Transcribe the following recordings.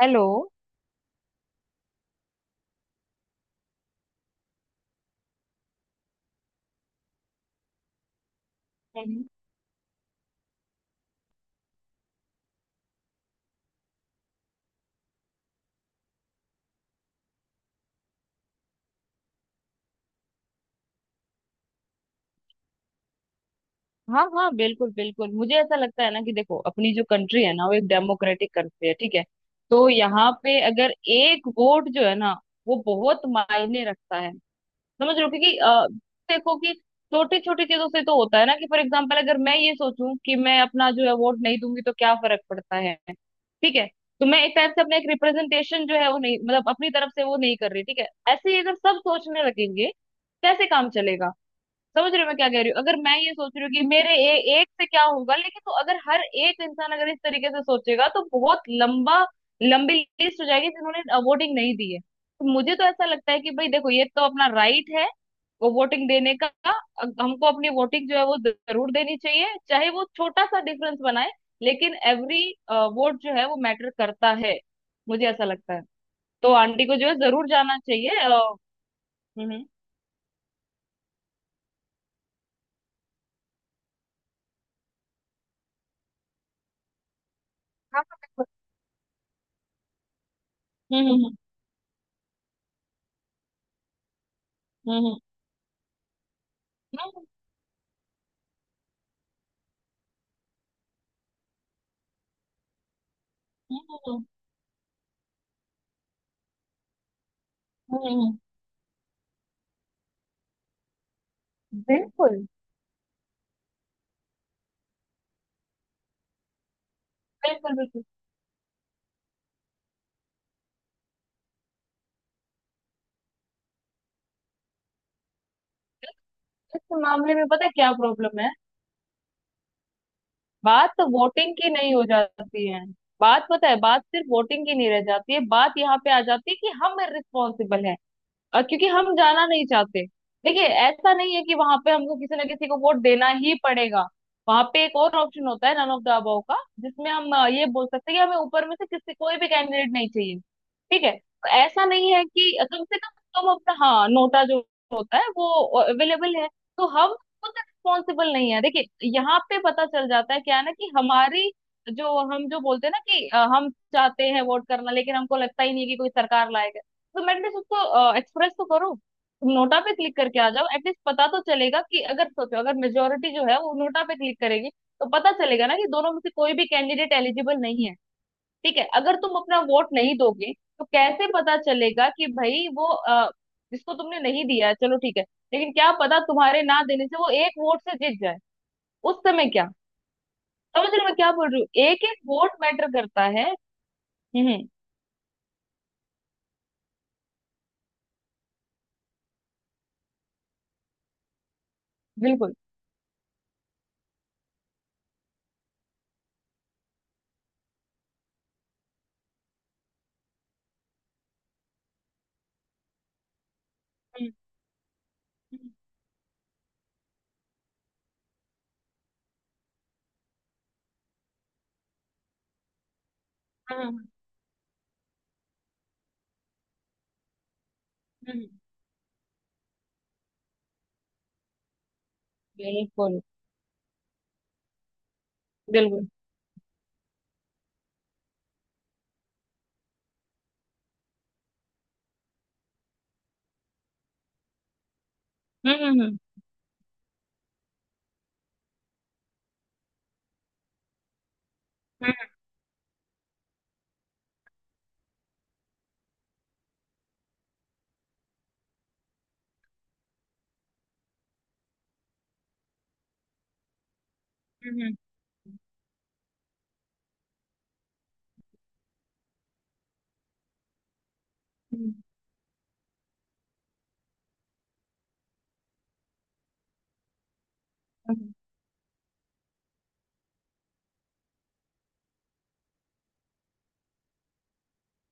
Hello. हम्म। हाँ हाँ, बिल्कुल बिल्कुल, मुझे ऐसा लगता है ना कि देखो, अपनी जो कंट्री है ना, वो एक डेमोक्रेटिक कंट्री है, ठीक है। तो यहाँ पे अगर एक वोट जो है ना, वो बहुत मायने रखता है। समझ रहे हो, क्योंकि देखो कि छोटी छोटी चीजों से तो होता है ना कि फॉर एग्जाम्पल अगर मैं ये सोचूं कि मैं अपना जो है वोट नहीं दूंगी तो क्या फर्क पड़ता है, ठीक है। तो मैं एक टाइप से अपना एक रिप्रेजेंटेशन जो है वो नहीं, मतलब अपनी तरफ से वो नहीं कर रही, ठीक है। ऐसे ही अगर सब सोचने लगेंगे, कैसे काम चलेगा? समझ रहे हो मैं क्या कह रही हूँ, अगर मैं ये सोच रही हूँ कि मेरे एक से क्या होगा, लेकिन तो अगर हर एक इंसान अगर इस तरीके से सोचेगा तो बहुत लंबा लंबी लिस्ट हो जाएगी जिन्होंने वोटिंग नहीं दी है। तो मुझे तो ऐसा लगता है कि भाई देखो ये तो अपना राइट है, वो वोटिंग देने का हमको अपनी वोटिंग जो है वो जरूर देनी चाहिए, चाहे वो छोटा सा डिफरेंस बनाए, लेकिन एवरी वोट जो है वो मैटर करता है, मुझे ऐसा लगता है। तो आंटी को जो है जरूर जाना चाहिए। हम्म। हाँ, बिल्कुल। हम्म हम्म हम्म हम्म हम्म, हम्म, हम्म, हम्म, हम्म, बिल्कुल बिल्कुल। बिल्कुल। इस मामले में पता है क्या प्रॉब्लम है, बात तो वोटिंग की नहीं हो जाती है। बात पता है, बात सिर्फ वोटिंग की नहीं रह जाती है, बात यहाँ पे आ जाती है कि हम रिस्पॉन्सिबल हैं, क्योंकि हम जाना नहीं चाहते। देखिए ऐसा नहीं है कि वहां पे हमको किसी ना किसी को वोट देना ही पड़ेगा, वहां पे एक और ऑप्शन होता है नन ऑफ द अबव का, जिसमें हम ये बोल सकते हैं कि हमें ऊपर में से किसी कोई भी कैंडिडेट नहीं चाहिए, ठीक है। तो ऐसा नहीं है कि कम से कम हम अपना, हाँ, नोटा जो होता है वो अवेलेबल है। तो हम खुद रिस्पॉन्सिबल नहीं है। देखिए यहाँ पे पता चल जाता है, क्या है ना कि हमारी जो, हम जो बोलते हैं ना कि हम चाहते हैं वोट करना, लेकिन हमको लगता ही नहीं है कि कोई सरकार लाएगा। तुम एटलीस्ट उसको एक्सप्रेस तो करो, तुम नोटा पे क्लिक करके आ जाओ। एटलीस्ट पता तो चलेगा कि अगर सोचो अगर मेजोरिटी जो है वो नोटा पे क्लिक करेगी तो पता चलेगा ना कि दोनों में से कोई भी कैंडिडेट एलिजिबल नहीं है, ठीक है। अगर तुम अपना वोट नहीं दोगे तो कैसे पता चलेगा कि भाई वो जिसको तुमने नहीं दिया है, चलो ठीक है, लेकिन क्या पता तुम्हारे ना देने से वो एक वोट से जीत जाए, उस समय क्या? समझ रहे हो मैं क्या बोल रही हूँ, एक एक वोट मैटर करता है। हम्म। बिल्कुल। हम्म, हम्म, हम्म, हम्म, हम्म। बिल्कुल बिल्कुल। हम्म हम्म हम्म हम्म, हम्म, हम्म, हम्म,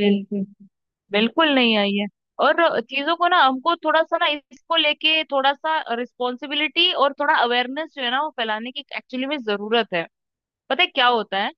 बिल्कुल। बिल्कुल नहीं आई है। और चीजों को ना हमको थोड़ा सा ना, इसको लेके थोड़ा सा रिस्पॉन्सिबिलिटी और थोड़ा अवेयरनेस जो है ना वो फैलाने की एक्चुअली में जरूरत है। पता है क्या होता है,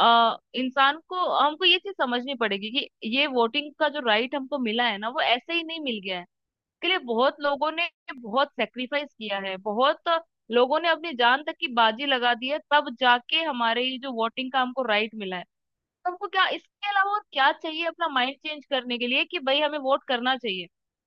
इंसान को हमको ये चीज समझनी पड़ेगी कि ये वोटिंग का जो राइट हमको मिला है ना वो ऐसे ही नहीं मिल गया है, इसके लिए बहुत लोगों ने बहुत सेक्रीफाइस किया है, बहुत लोगों ने अपनी जान तक की बाजी लगा दी है, तब जाके हमारे ये जो वोटिंग का हमको राइट मिला है। हमको क्या इसके अलावा और क्या चाहिए अपना माइंड चेंज करने के लिए कि भाई हमें वोट करना चाहिए।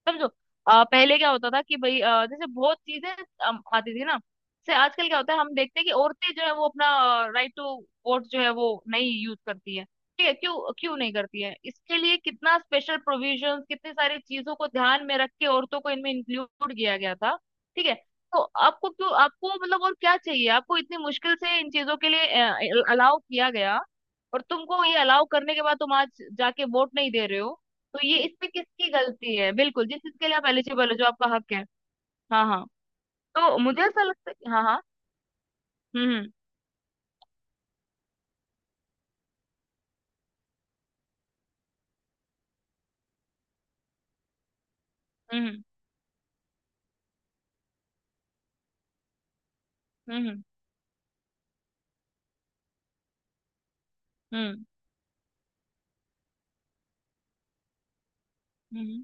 समझो, पहले क्या होता था कि भाई जैसे बहुत चीजें आती थी ना, जैसे आजकल क्या होता है हम देखते हैं कि औरतें जो है वो अपना राइट टू वोट जो है वो नहीं यूज करती है, ठीक है। क्यों, क्यों नहीं करती है, इसके लिए कितना स्पेशल प्रोविजन, कितनी सारी चीजों को ध्यान में रख के औरतों को इनमें इंक्लूड किया गया था, ठीक है। तो आपको क्यों, आपको मतलब और क्या चाहिए आपको, इतनी मुश्किल से इन चीजों के लिए अलाउ किया गया, और तुमको ये अलाउ करने के बाद तुम आज जाके वोट नहीं दे रहे हो, तो ये इसमें किसकी गलती है? बिल्कुल जिस चीज के लिए आप एलिजिबल हो, जो आपका हक है। हाँ हाँ। तो मुझे ऐसा लगता है हाँ हाँ। हम्म हम्म हम्म हम्म हम्म हम्म हम्म, हम्म, हम्म।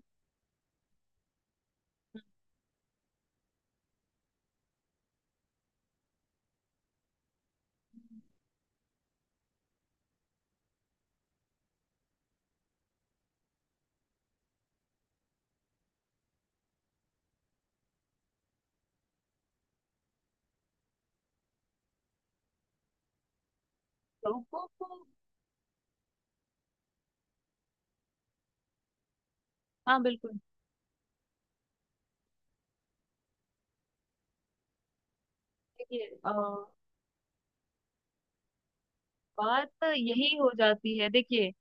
लोगों को। हाँ बिल्कुल। देखिए बात यही हो जाती है। देखिए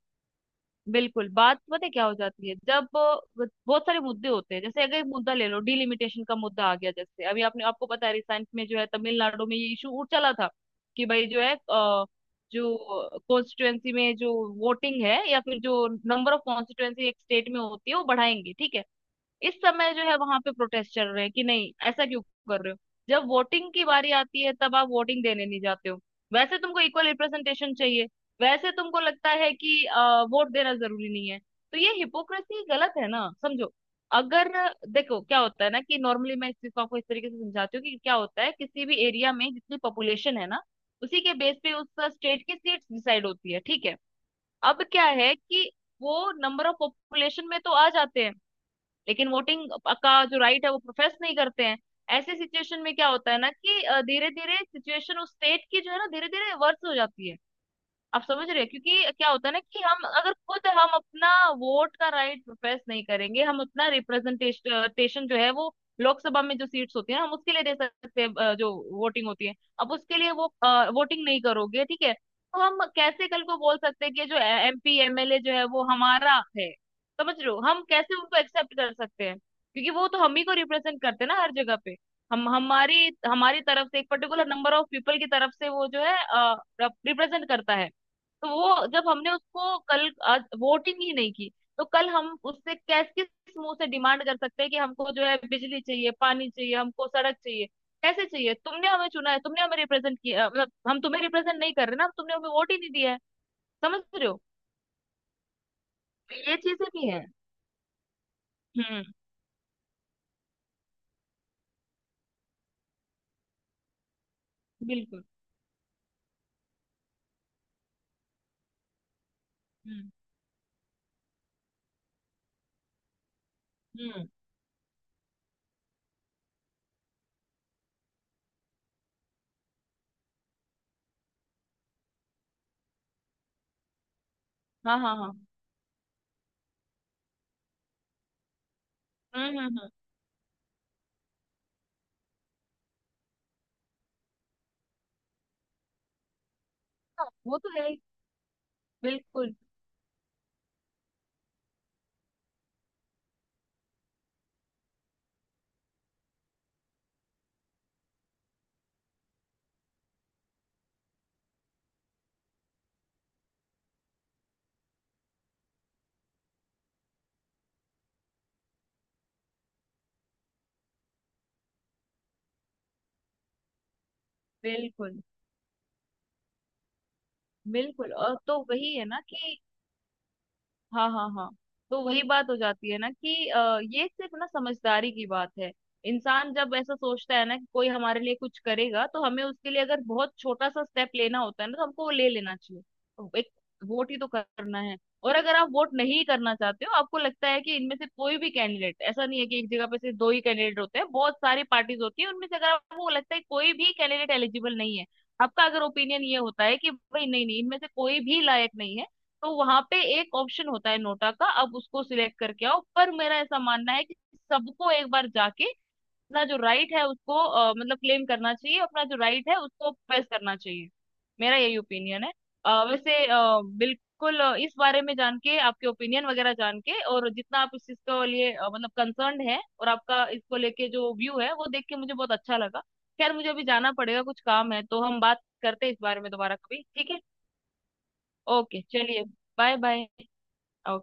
बिल्कुल, बात पता है क्या हो जाती है, जब बहुत सारे मुद्दे होते हैं, जैसे अगर एक मुद्दा ले लो, डिलिमिटेशन का मुद्दा आ गया, जैसे अभी आपने, आपको पता है, रिसेंट में जो है तमिलनाडु में ये इशू उठ चला था कि भाई जो है जो कॉन्स्टिट्युएंसी में जो वोटिंग है या फिर जो नंबर ऑफ कॉन्स्टिट्युएंसी एक स्टेट में होती है वो बढ़ाएंगे, ठीक है। इस समय जो है वहां पे प्रोटेस्ट चल रहे हैं कि नहीं ऐसा क्यों कर रहे हो, जब वोटिंग की बारी आती है तब आप वोटिंग देने नहीं जाते हो। वैसे तुमको इक्वल रिप्रेजेंटेशन चाहिए, वैसे तुमको लगता है कि वोट देना जरूरी नहीं है, तो ये हिपोक्रेसी गलत है ना। समझो, अगर देखो क्या होता है ना कि नॉर्मली मैं इस चीज को आपको इस तरीके से समझाती हूँ, कि क्या होता है किसी भी एरिया में जितनी पॉपुलेशन है ना, उसी के बेस पे उस स्टेट की सीट डिसाइड होती है, ठीक है। अब क्या है कि वो नंबर ऑफ पॉपुलेशन में तो आ जाते हैं, लेकिन वोटिंग का जो राइट है वो प्रोफेस नहीं करते हैं। ऐसे सिचुएशन में क्या होता है ना कि धीरे धीरे सिचुएशन उस स्टेट की जो है ना धीरे धीरे वर्स हो जाती है। आप समझ रहे हैं, क्योंकि क्या होता है ना कि हम अगर खुद हम अपना वोट का राइट प्रोफेस नहीं करेंगे, हम अपना रिप्रेजेंटेशन जो है, वो लोकसभा में जो सीट्स होती है ना हम उसके लिए दे सकते हैं, जो वोटिंग होती है, अब उसके लिए वो वोटिंग नहीं करोगे, ठीक है। तो हम कैसे कल को बोल सकते हैं कि जो एमपी एमएलए जो है वो हमारा है, समझ रहे हो, हम कैसे उनको एक्सेप्ट कर सकते हैं क्योंकि वो तो हम ही को रिप्रेजेंट करते हैं ना, हर जगह पे। हम हमारी हमारी तरफ से एक पर्टिकुलर नंबर ऑफ पीपल की तरफ से वो जो है रिप्रेजेंट करता है। तो वो जब हमने उसको कल आज वोटिंग ही नहीं की, तो कल हम उससे कैस किस मुंह से डिमांड कर सकते हैं कि हमको जो है बिजली चाहिए, पानी चाहिए, हमको सड़क चाहिए, कैसे चाहिए? तुमने हमें चुना है, तुमने हमें रिप्रेजेंट किया, मतलब हम तुम्हें रिप्रेजेंट नहीं कर रहे ना, तुमने हमें वोट ही नहीं दिया है। समझ रहे हो, तो ये चीजें भी है। हम्म। बिल्कुल। हम्म हम्म। हाँ हाँ हाँ। हम्म। हाँ, वो तो है ही। बिल्कुल बिल्कुल। बिल्कुल और तो वही है ना कि हाँ हाँ हाँ, तो वही बात हो जाती है ना कि ये सिर्फ ना समझदारी की बात है। इंसान जब ऐसा सोचता है ना कि कोई हमारे लिए कुछ करेगा तो हमें उसके लिए अगर बहुत छोटा सा स्टेप लेना होता है ना तो हमको वो ले लेना चाहिए, तो एक वोट ही तो करना है। और अगर आप वोट नहीं करना चाहते हो, आपको लगता है कि इनमें से कोई भी कैंडिडेट ऐसा नहीं है, कि एक जगह पे सिर्फ दो ही कैंडिडेट होते हैं, बहुत सारी पार्टीज होती है, उनमें से अगर आपको लगता है कोई भी कैंडिडेट एलिजिबल नहीं है, आपका अगर ओपिनियन ये होता है कि भाई नहीं नहीं इनमें से कोई भी लायक नहीं है, तो वहां पे एक ऑप्शन होता है नोटा का, अब उसको सिलेक्ट करके आओ। पर मेरा ऐसा मानना है कि सबको एक बार जाके अपना जो राइट है उसको मतलब क्लेम करना चाहिए, अपना जो राइट है उसको प्रेस करना चाहिए। मेरा यही ओपिनियन है। वैसे, बिल्कुल, इस बारे में जान के, आपके ओपिनियन वगैरह जान के, और जितना आप इस चीज के लिए मतलब कंसर्न है और आपका इसको लेके जो व्यू है वो देख के मुझे बहुत अच्छा लगा। खैर मुझे अभी जाना पड़ेगा, कुछ काम है, तो हम बात करते हैं इस बारे में दोबारा कभी, ठीक है। ओके, चलिए। Bye bye. ओके।